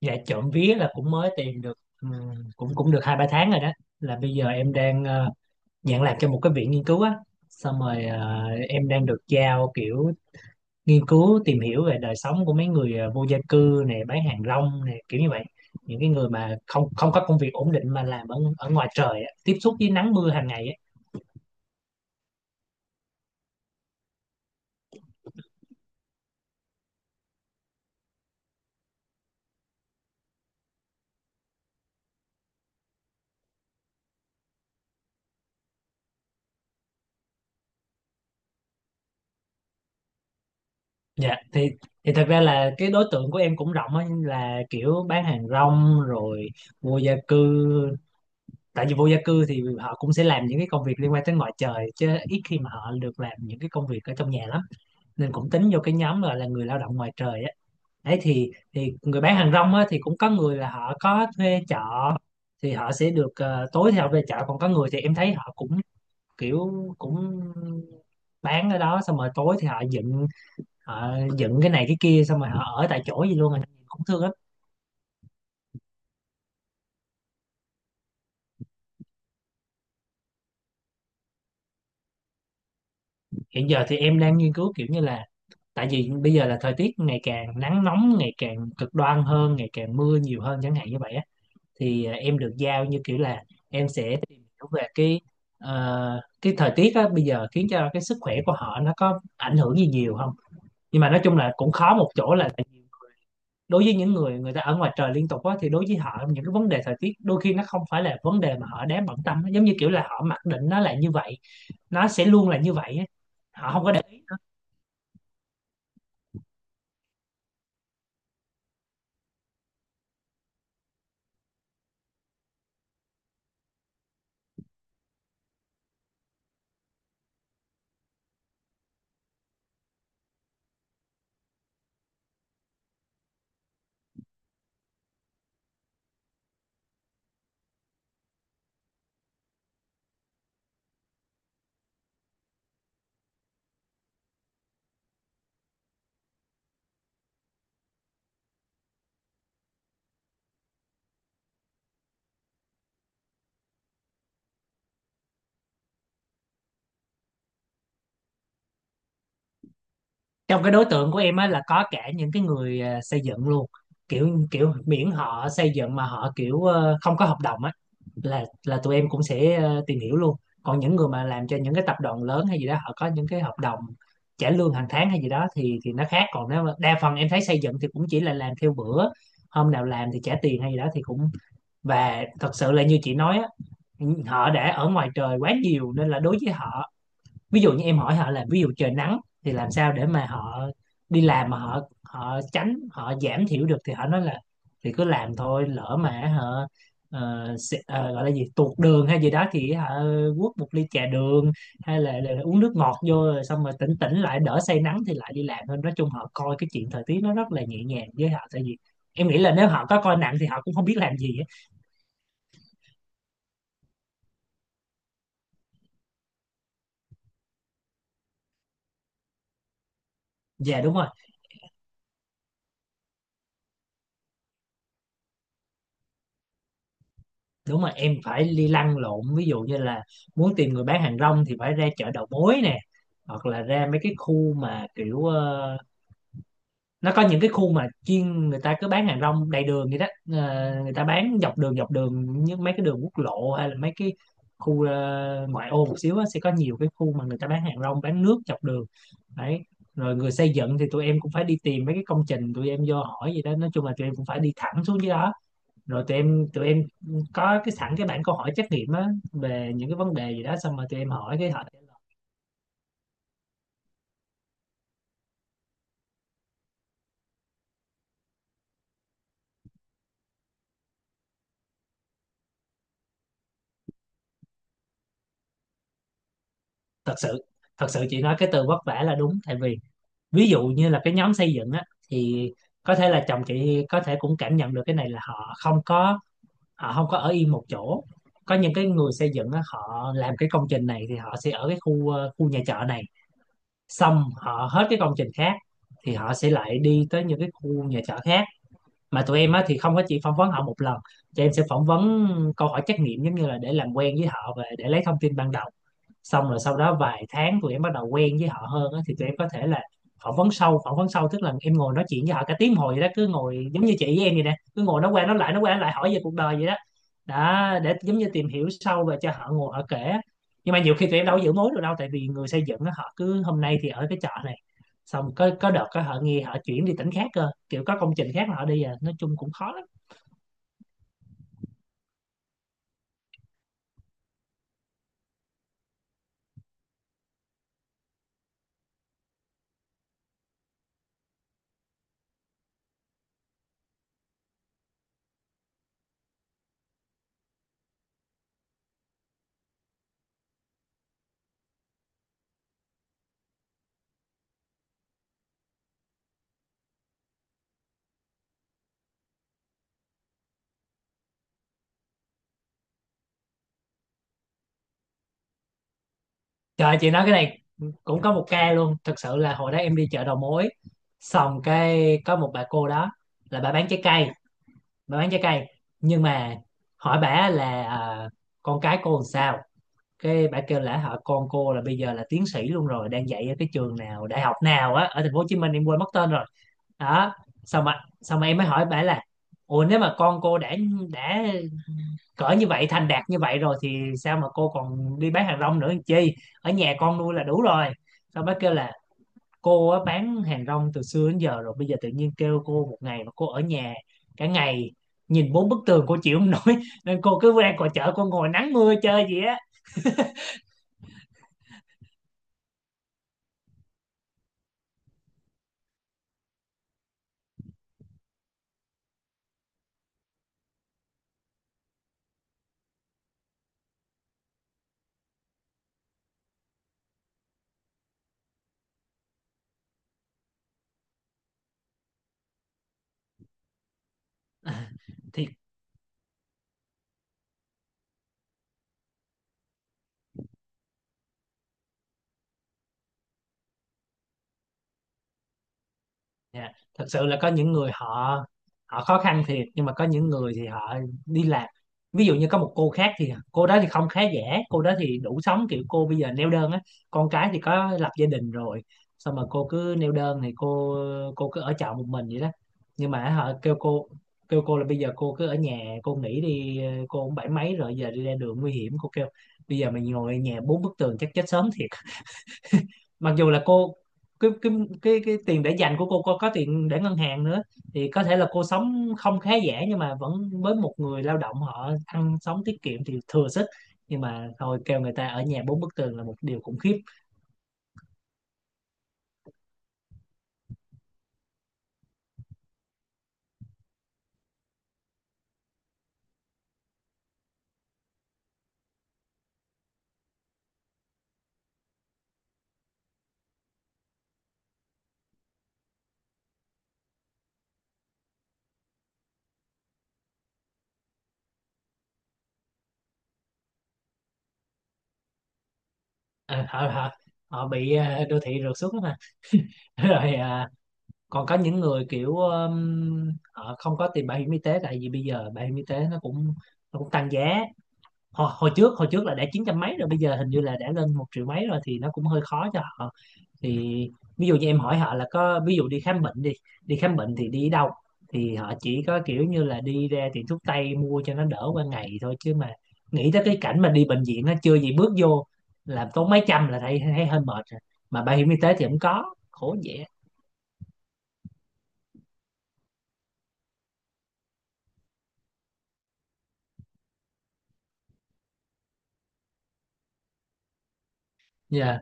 Dạ trộm vía là cũng mới tìm được cũng cũng được 2-3 tháng rồi đó. Là bây giờ em đang nhận làm cho một cái viện nghiên cứu á. Xong rồi em đang được giao kiểu nghiên cứu tìm hiểu về đời sống của mấy người vô gia cư này, bán hàng rong này, kiểu như vậy. Những cái người mà không không có công việc ổn định mà làm ở ở ngoài trời á, tiếp xúc với nắng mưa hàng ngày á. Dạ thì, thật ra là cái đối tượng của em cũng rộng á, là kiểu bán hàng rong rồi vô gia cư. Tại vì vô gia cư thì họ cũng sẽ làm những cái công việc liên quan tới ngoài trời, chứ ít khi mà họ được làm những cái công việc ở trong nhà lắm. Nên cũng tính vô cái nhóm gọi là người lao động ngoài trời á. Đấy thì, người bán hàng rong á thì cũng có người là họ có thuê trọ, thì họ sẽ được tối thì họ về trọ, còn có người thì em thấy họ cũng kiểu, cũng bán ở đó xong rồi tối thì họ dựng, họ dựng cái này cái kia xong rồi họ ở tại chỗ gì luôn à. Cũng thương lắm. Hiện giờ thì em đang nghiên cứu kiểu như là, tại vì bây giờ là thời tiết ngày càng nắng nóng, ngày càng cực đoan hơn, ngày càng mưa nhiều hơn chẳng hạn, như vậy á. Thì em được giao như kiểu là em sẽ tìm hiểu về cái, cái thời tiết á bây giờ khiến cho cái sức khỏe của họ nó có ảnh hưởng gì nhiều không. Nhưng mà nói chung là cũng khó một chỗ, là tại vì đối với những người, người ta ở ngoài trời liên tục á, thì đối với họ những cái vấn đề thời tiết đôi khi nó không phải là vấn đề mà họ đáng bận tâm á. Giống như kiểu là họ mặc định nó là như vậy, nó sẽ luôn là như vậy á, họ không có để ý. Trong cái đối tượng của em á là có cả những cái người xây dựng luôn, kiểu kiểu miễn họ xây dựng mà họ kiểu không có hợp đồng á, là tụi em cũng sẽ tìm hiểu luôn. Còn những người mà làm cho những cái tập đoàn lớn hay gì đó, họ có những cái hợp đồng trả lương hàng tháng hay gì đó, thì nó khác. Còn nếu mà đa phần em thấy xây dựng thì cũng chỉ là làm theo bữa, hôm nào làm thì trả tiền hay gì đó thì cũng. Và thật sự là như chị nói á, họ đã ở ngoài trời quá nhiều nên là đối với họ, ví dụ như em hỏi họ là, ví dụ trời nắng thì làm sao để mà họ đi làm mà họ họ tránh, họ giảm thiểu được, thì họ nói là, thì cứ làm thôi, lỡ mà họ gọi là gì tuột đường hay gì đó thì họ quất một ly trà đường, hay là uống nước ngọt vô rồi xong rồi tỉnh tỉnh lại đỡ say nắng thì lại đi làm thôi. Nói chung họ coi cái chuyện thời tiết nó rất là nhẹ nhàng với họ, tại vì em nghĩ là nếu họ có coi nặng thì họ cũng không biết làm gì á. Dạ đúng rồi. Đúng mà em phải đi lăn lộn, ví dụ như là muốn tìm người bán hàng rong thì phải ra chợ đầu mối nè, hoặc là ra mấy cái khu mà kiểu nó có những cái khu mà chuyên người ta cứ bán hàng rong đầy đường vậy đó. Người ta bán dọc đường, dọc đường như mấy cái đường quốc lộ, hay là mấy cái khu ngoại ô một xíu á, sẽ có nhiều cái khu mà người ta bán hàng rong, bán nước dọc đường. Đấy, rồi người xây dựng thì tụi em cũng phải đi tìm mấy cái công trình, tụi em vô hỏi gì đó, nói chung là tụi em cũng phải đi thẳng xuống dưới đó. Rồi tụi em có cái sẵn cái bảng câu hỏi trắc nghiệm á về những cái vấn đề gì đó, xong rồi tụi em hỏi cái họ trả lời. Thật sự, thật sự chị nói cái từ vất vả là đúng, tại vì ví dụ như là cái nhóm xây dựng á, thì có thể là chồng chị có thể cũng cảm nhận được cái này là họ không có ở yên một chỗ. Có những cái người xây dựng á, họ làm cái công trình này thì họ sẽ ở cái khu khu nhà trọ này, xong họ hết cái công trình khác thì họ sẽ lại đi tới những cái khu nhà trọ khác. Mà tụi em á thì không có chỉ phỏng vấn họ một lần, tụi em sẽ phỏng vấn câu hỏi trắc nghiệm giống như là để làm quen với họ và để lấy thông tin ban đầu. Xong rồi sau đó vài tháng tụi em bắt đầu quen với họ hơn á, thì tụi em có thể là phỏng vấn sâu. Phỏng vấn sâu tức là em ngồi nói chuyện với họ cả tiếng hồi vậy đó, cứ ngồi giống như chị với em vậy nè, cứ ngồi nói qua nói lại, nói qua nói lại, hỏi về cuộc đời vậy đó. Đó, để giống như tìm hiểu sâu và cho họ ngồi họ kể. Nhưng mà nhiều khi tụi em đâu có giữ mối được đâu, tại vì người xây dựng á, họ cứ hôm nay thì ở cái chợ này, xong có đợt có họ nghe họ chuyển đi tỉnh khác cơ, kiểu có công trình khác mà họ đi à, nói chung cũng khó. Trời, chị nói cái này cũng có một ca luôn. Thật sự là hồi đó em đi chợ đầu mối, xong cái có một bà cô đó. Là bà bán trái cây, bà bán trái cây. Nhưng mà hỏi bà là, con cái cô làm sao. Cái bà kêu là họ, con cô là bây giờ là tiến sĩ luôn rồi, đang dạy ở cái trường nào, đại học nào á, ở thành phố Hồ Chí Minh em quên mất tên rồi. Đó. Xong mà em mới hỏi bà là, ủa nếu mà con cô đã cỡ như vậy, thành đạt như vậy rồi thì sao mà cô còn đi bán hàng rong nữa làm chi, ở nhà con nuôi là đủ rồi. Xong bác kêu là, cô á, bán hàng rong từ xưa đến giờ rồi, bây giờ tự nhiên kêu cô một ngày mà cô ở nhà cả ngày, nhìn bốn bức tường cô chịu không nổi nên cô cứ ra ngoài chợ cô ngồi nắng mưa chơi gì á À, thì Dạ, thật sự là có những người họ, khó khăn thiệt nhưng mà có những người thì họ đi làm. Ví dụ như có một cô khác, thì cô đó thì không khá giả, cô đó thì đủ sống, kiểu cô bây giờ neo đơn á, con cái thì có lập gia đình rồi. Xong mà cô cứ neo đơn thì cô cứ ở trọ một mình vậy đó. Nhưng mà họ kêu cô là bây giờ cô cứ ở nhà cô nghỉ đi, cô cũng bảy mấy rồi, giờ đi ra đường nguy hiểm, cô kêu, bây giờ mày ngồi ở nhà bốn bức tường chắc chết sớm thiệt. Mặc dù là cô, cái cái cái tiền để dành của cô có tiền để ngân hàng nữa, thì có thể là cô sống không khá giả nhưng mà vẫn, với một người lao động họ ăn sống tiết kiệm thì thừa sức. Nhưng mà thôi, kêu người ta ở nhà bốn bức tường là một điều khủng khiếp. Ờ, họ họ họ bị đô thị rượt xuống đó mà rồi còn có những người kiểu họ không có tiền bảo hiểm y tế, tại vì bây giờ bảo hiểm y tế nó cũng tăng giá. Hồi trước là đã chín trăm mấy rồi, bây giờ hình như là đã lên một triệu mấy rồi, thì nó cũng hơi khó cho họ. Thì ví dụ như em hỏi họ là, có ví dụ đi khám bệnh đi đi khám bệnh thì đi đâu. Thì họ chỉ có kiểu như là đi ra tiệm thuốc tây mua cho nó đỡ qua ngày thôi, chứ mà nghĩ tới cái cảnh mà đi bệnh viện, nó chưa gì bước vô làm tốn mấy trăm là thấy thấy hơi mệt rồi. Mà bảo hiểm y tế thì không có, khổ vậy. Dạ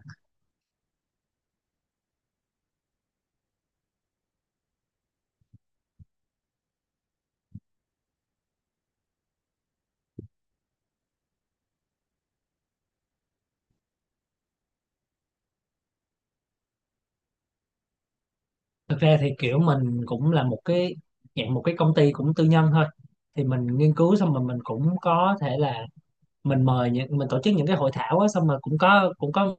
thực ra thì kiểu mình cũng là một cái dạng một cái công ty cũng tư nhân thôi, thì mình nghiên cứu xong rồi mình cũng có thể là mình mời những, mình tổ chức những cái hội thảo á, xong rồi cũng có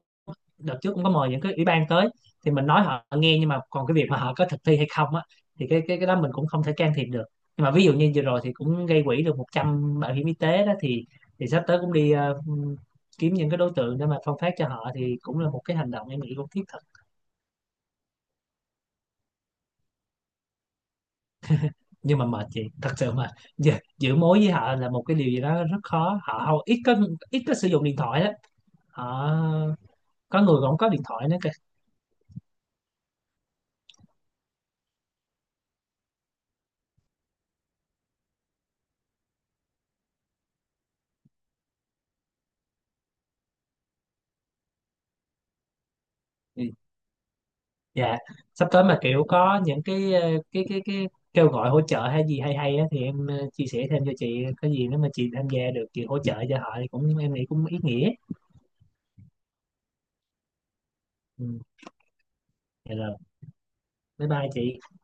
đợt trước cũng có mời những cái ủy ban tới. Thì mình nói họ nghe, nhưng mà còn cái việc mà họ có thực thi hay không á, thì cái đó mình cũng không thể can thiệp được. Nhưng mà ví dụ như vừa rồi thì cũng gây quỹ được 100 bảo hiểm y tế đó, thì sắp tới cũng đi kiếm những cái đối tượng để mà phân phát cho họ, thì cũng là một cái hành động em nghĩ cũng thiết thực. Nhưng mà mệt chị thật sự mà, giữ, giữ mối với họ là một cái điều gì đó rất khó, họ hầu ít có sử dụng điện thoại đó. Họ, có người còn không có điện thoại nữa kìa. Dạ, sắp tới mà kiểu có những cái cái kêu gọi hỗ trợ hay gì, hay hay á, thì em chia sẻ thêm cho chị có gì, nếu mà chị tham gia được chị hỗ trợ cho họ thì cũng em nghĩ cũng ý nghĩa. Ừ, dạ rồi, bye bye chị.